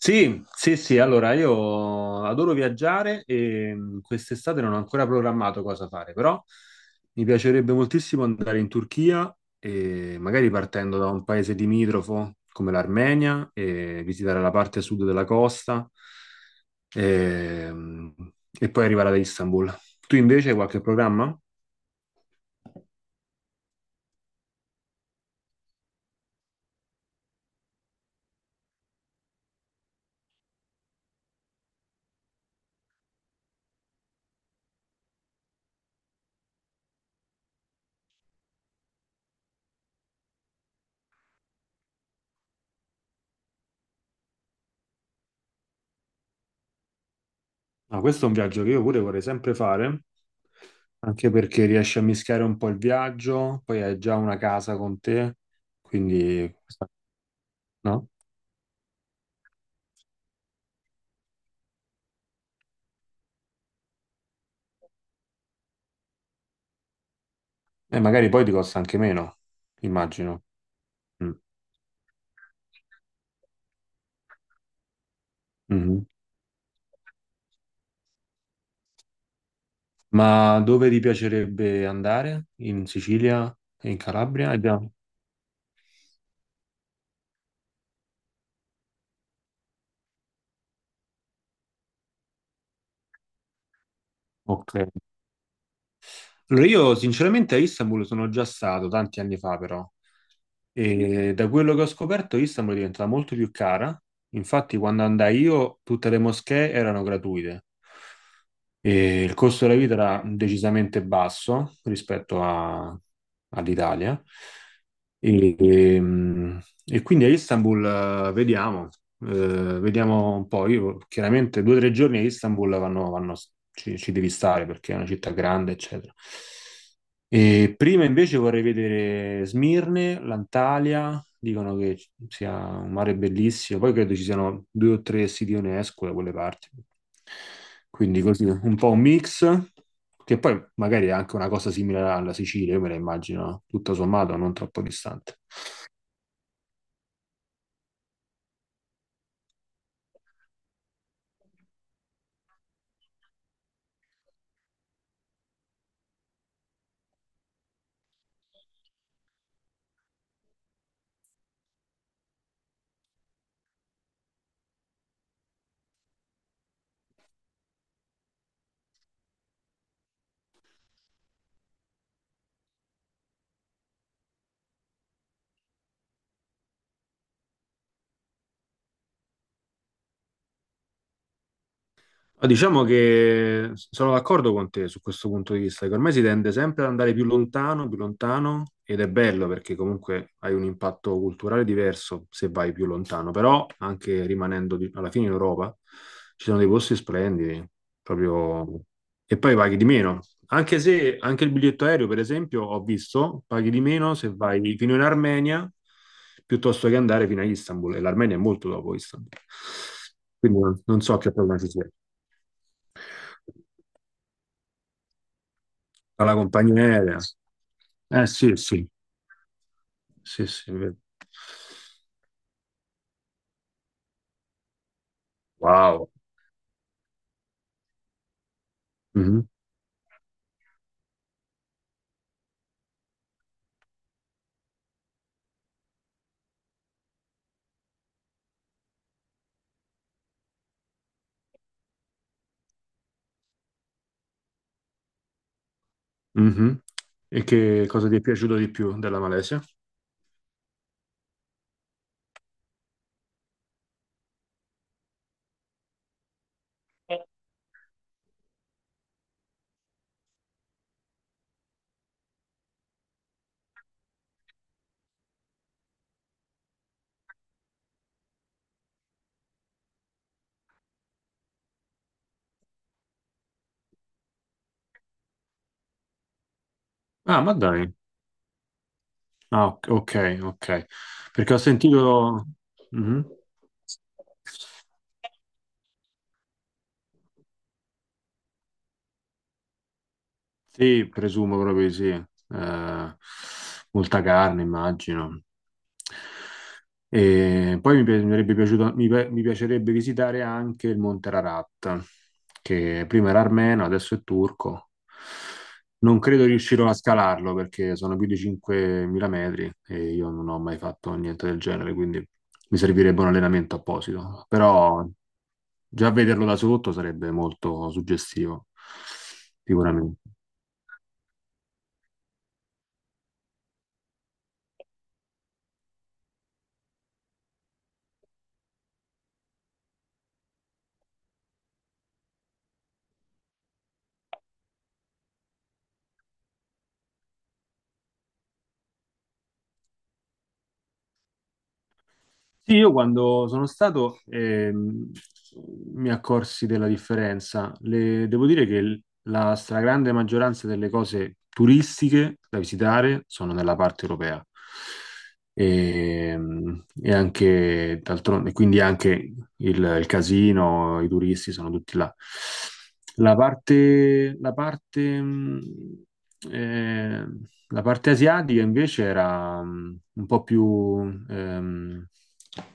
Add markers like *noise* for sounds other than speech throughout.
Sì, sì, sì, allora io adoro viaggiare e quest'estate non ho ancora programmato cosa fare, però mi piacerebbe moltissimo andare in Turchia e magari partendo da un paese limitrofo come l'Armenia e visitare la parte sud della costa e, mh, e poi arrivare ad Istanbul. Tu invece hai qualche programma? Ma questo è un viaggio che io pure vorrei sempre fare, anche perché riesci a mischiare un po' il viaggio, poi hai già una casa con te, quindi no? E magari poi ti costa anche meno, immagino. Mm. Mhm. Ma dove ti piacerebbe andare? In Sicilia e in Calabria? Eh già. Ok. Allora, io sinceramente a Istanbul sono già stato tanti anni fa, però, e da quello che ho scoperto Istanbul è diventata molto più cara. Infatti, quando andai io, tutte le moschee erano gratuite e il costo della vita era decisamente basso rispetto all'Italia. E, e, mh, e quindi a Istanbul, vediamo, vediamo un po'. Io, chiaramente, due o tre giorni a Istanbul ci devi stare perché è una città grande, eccetera. E prima invece vorrei vedere Smirne, l'Antalya, dicono che sia un mare bellissimo, poi credo ci siano due o tre siti UNESCO da quelle parti. Quindi così, un po' un mix, che poi magari è anche una cosa simile alla Sicilia, io me la immagino tutto sommato non troppo distante. Ma diciamo che sono d'accordo con te su questo punto di vista, che ormai si tende sempre ad andare più lontano, ed è bello perché comunque hai un impatto culturale diverso se vai più lontano, però anche alla fine in Europa ci sono dei posti splendidi, proprio. E poi paghi di meno, anche se anche il biglietto aereo, per esempio, ho visto, paghi di meno se vai fino in Armenia piuttosto che andare fino a Istanbul. E l'Armenia è molto dopo Istanbul. Quindi non so che problema ci sia. Alla compagnia aerea. Eh sì, sì, sì, sì. È vero. Wow. Mhm, mhm. E che cosa ti è piaciuto di più della Malesia? Ah, ma dai. Ah, ok, ok. Ok. Perché ho sentito. Mhm. Sì, presumo proprio di sì. Molta carne, immagino. E poi mi, pi- mi sarebbe piaciuto- mi pi- mi piacerebbe visitare anche il Monte Ararat, che prima era armeno, adesso è turco. Non credo riuscirò a scalarlo perché sono più di 5.000 metri e io non ho mai fatto niente del genere, quindi mi servirebbe un allenamento apposito. Però già vederlo da sotto sarebbe molto suggestivo, sicuramente. Sì, io quando sono stato mi accorsi della differenza. Devo dire che la stragrande maggioranza delle cose turistiche da visitare sono nella parte europea. E, anche d'altronde, quindi anche il casino, i turisti sono tutti là. La parte eh, la parte asiatica invece era un po' più ehm,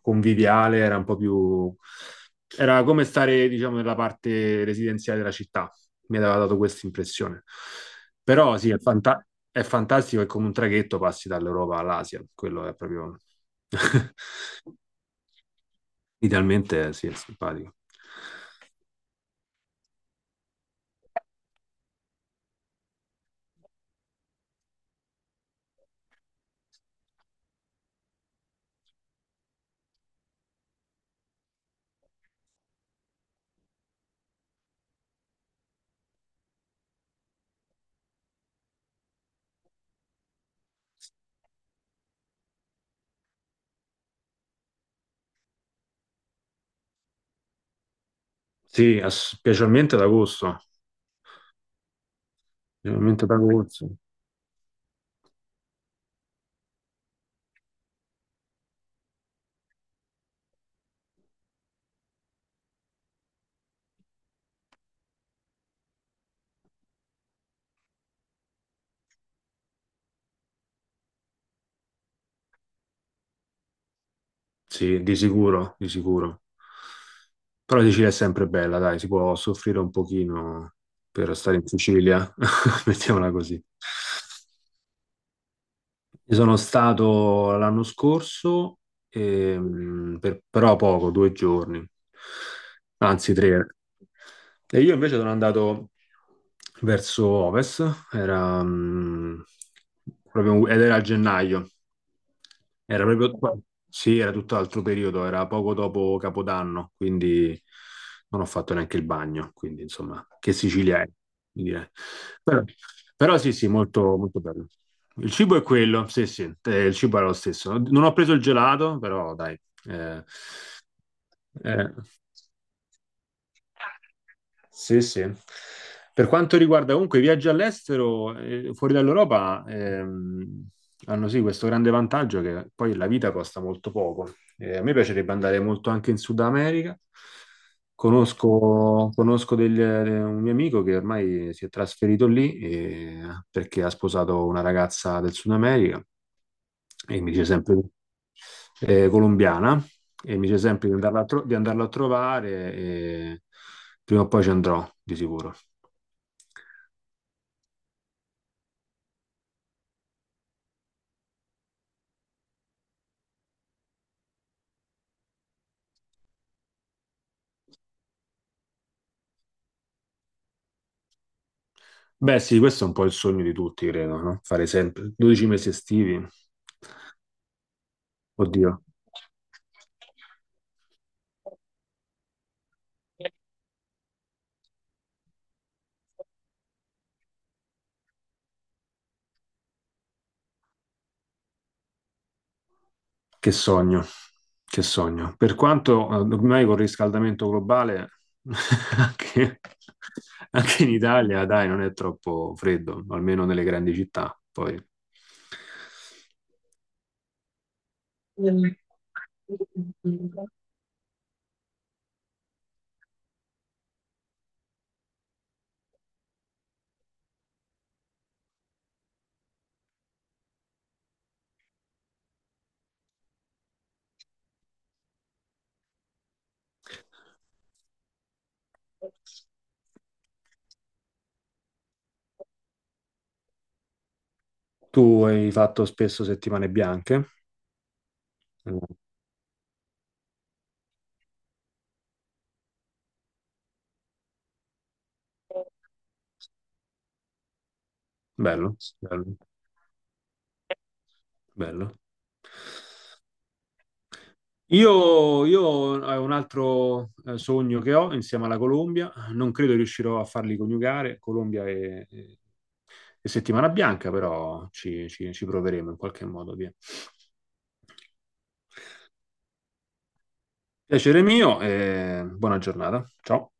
conviviale, era un po' più. Era come stare, diciamo, nella parte residenziale della città. Mi aveva dato questa impressione. Però sì, è, è fantastico che con un traghetto passi dall'Europa all'Asia. Quello è proprio. *laughs* Idealmente sì, è simpatico. Sì, specialmente ad agosto. Specialmente ad agosto. Sì, di sicuro, di sicuro. Però la Sicilia è sempre bella, dai, si può soffrire un pochino per stare in Sicilia, *laughs* mettiamola così. Io sono stato l'anno scorso, però poco, due giorni, anzi tre. E io invece sono andato verso ovest, era, proprio, ed era a gennaio. Era proprio, sì, era tutt'altro periodo, era poco dopo Capodanno, quindi non ho fatto neanche il bagno, quindi insomma, che Sicilia è, mi direi. Però, però sì, sì, molto, molto bello. Il cibo è quello, sì, sì, il cibo era lo stesso. Non ho preso il gelato, però dai, eh, eh, sì, sì. Per quanto riguarda comunque i viaggi all'estero, fuori dall'Europa, hanno sì questo grande vantaggio che poi la vita costa molto poco. A me piacerebbe andare molto anche in Sud America. Conosco un mio amico che ormai si è trasferito lì perché ha sposato una ragazza del Sud America e mi dice sempre colombiana e mi dice sempre di di andarla a trovare e prima o poi ci andrò, di sicuro. Beh, sì, questo è un po' il sogno di tutti, credo, no? Fare sempre 12 mesi estivi. Oddio, che sogno, che sogno. Per quanto ormai con il riscaldamento globale, *laughs* anche, anche in Italia, dai, non è troppo freddo, almeno nelle grandi città. Poi tu hai fatto spesso settimane bianche. Eh, Bello, bello, bello. Io è un altro sogno che ho insieme alla Colombia, non credo riuscirò a farli coniugare, Colombia e Settimana Bianca, però ci proveremo in qualche modo, via. Piacere mio e buona giornata. Ciao.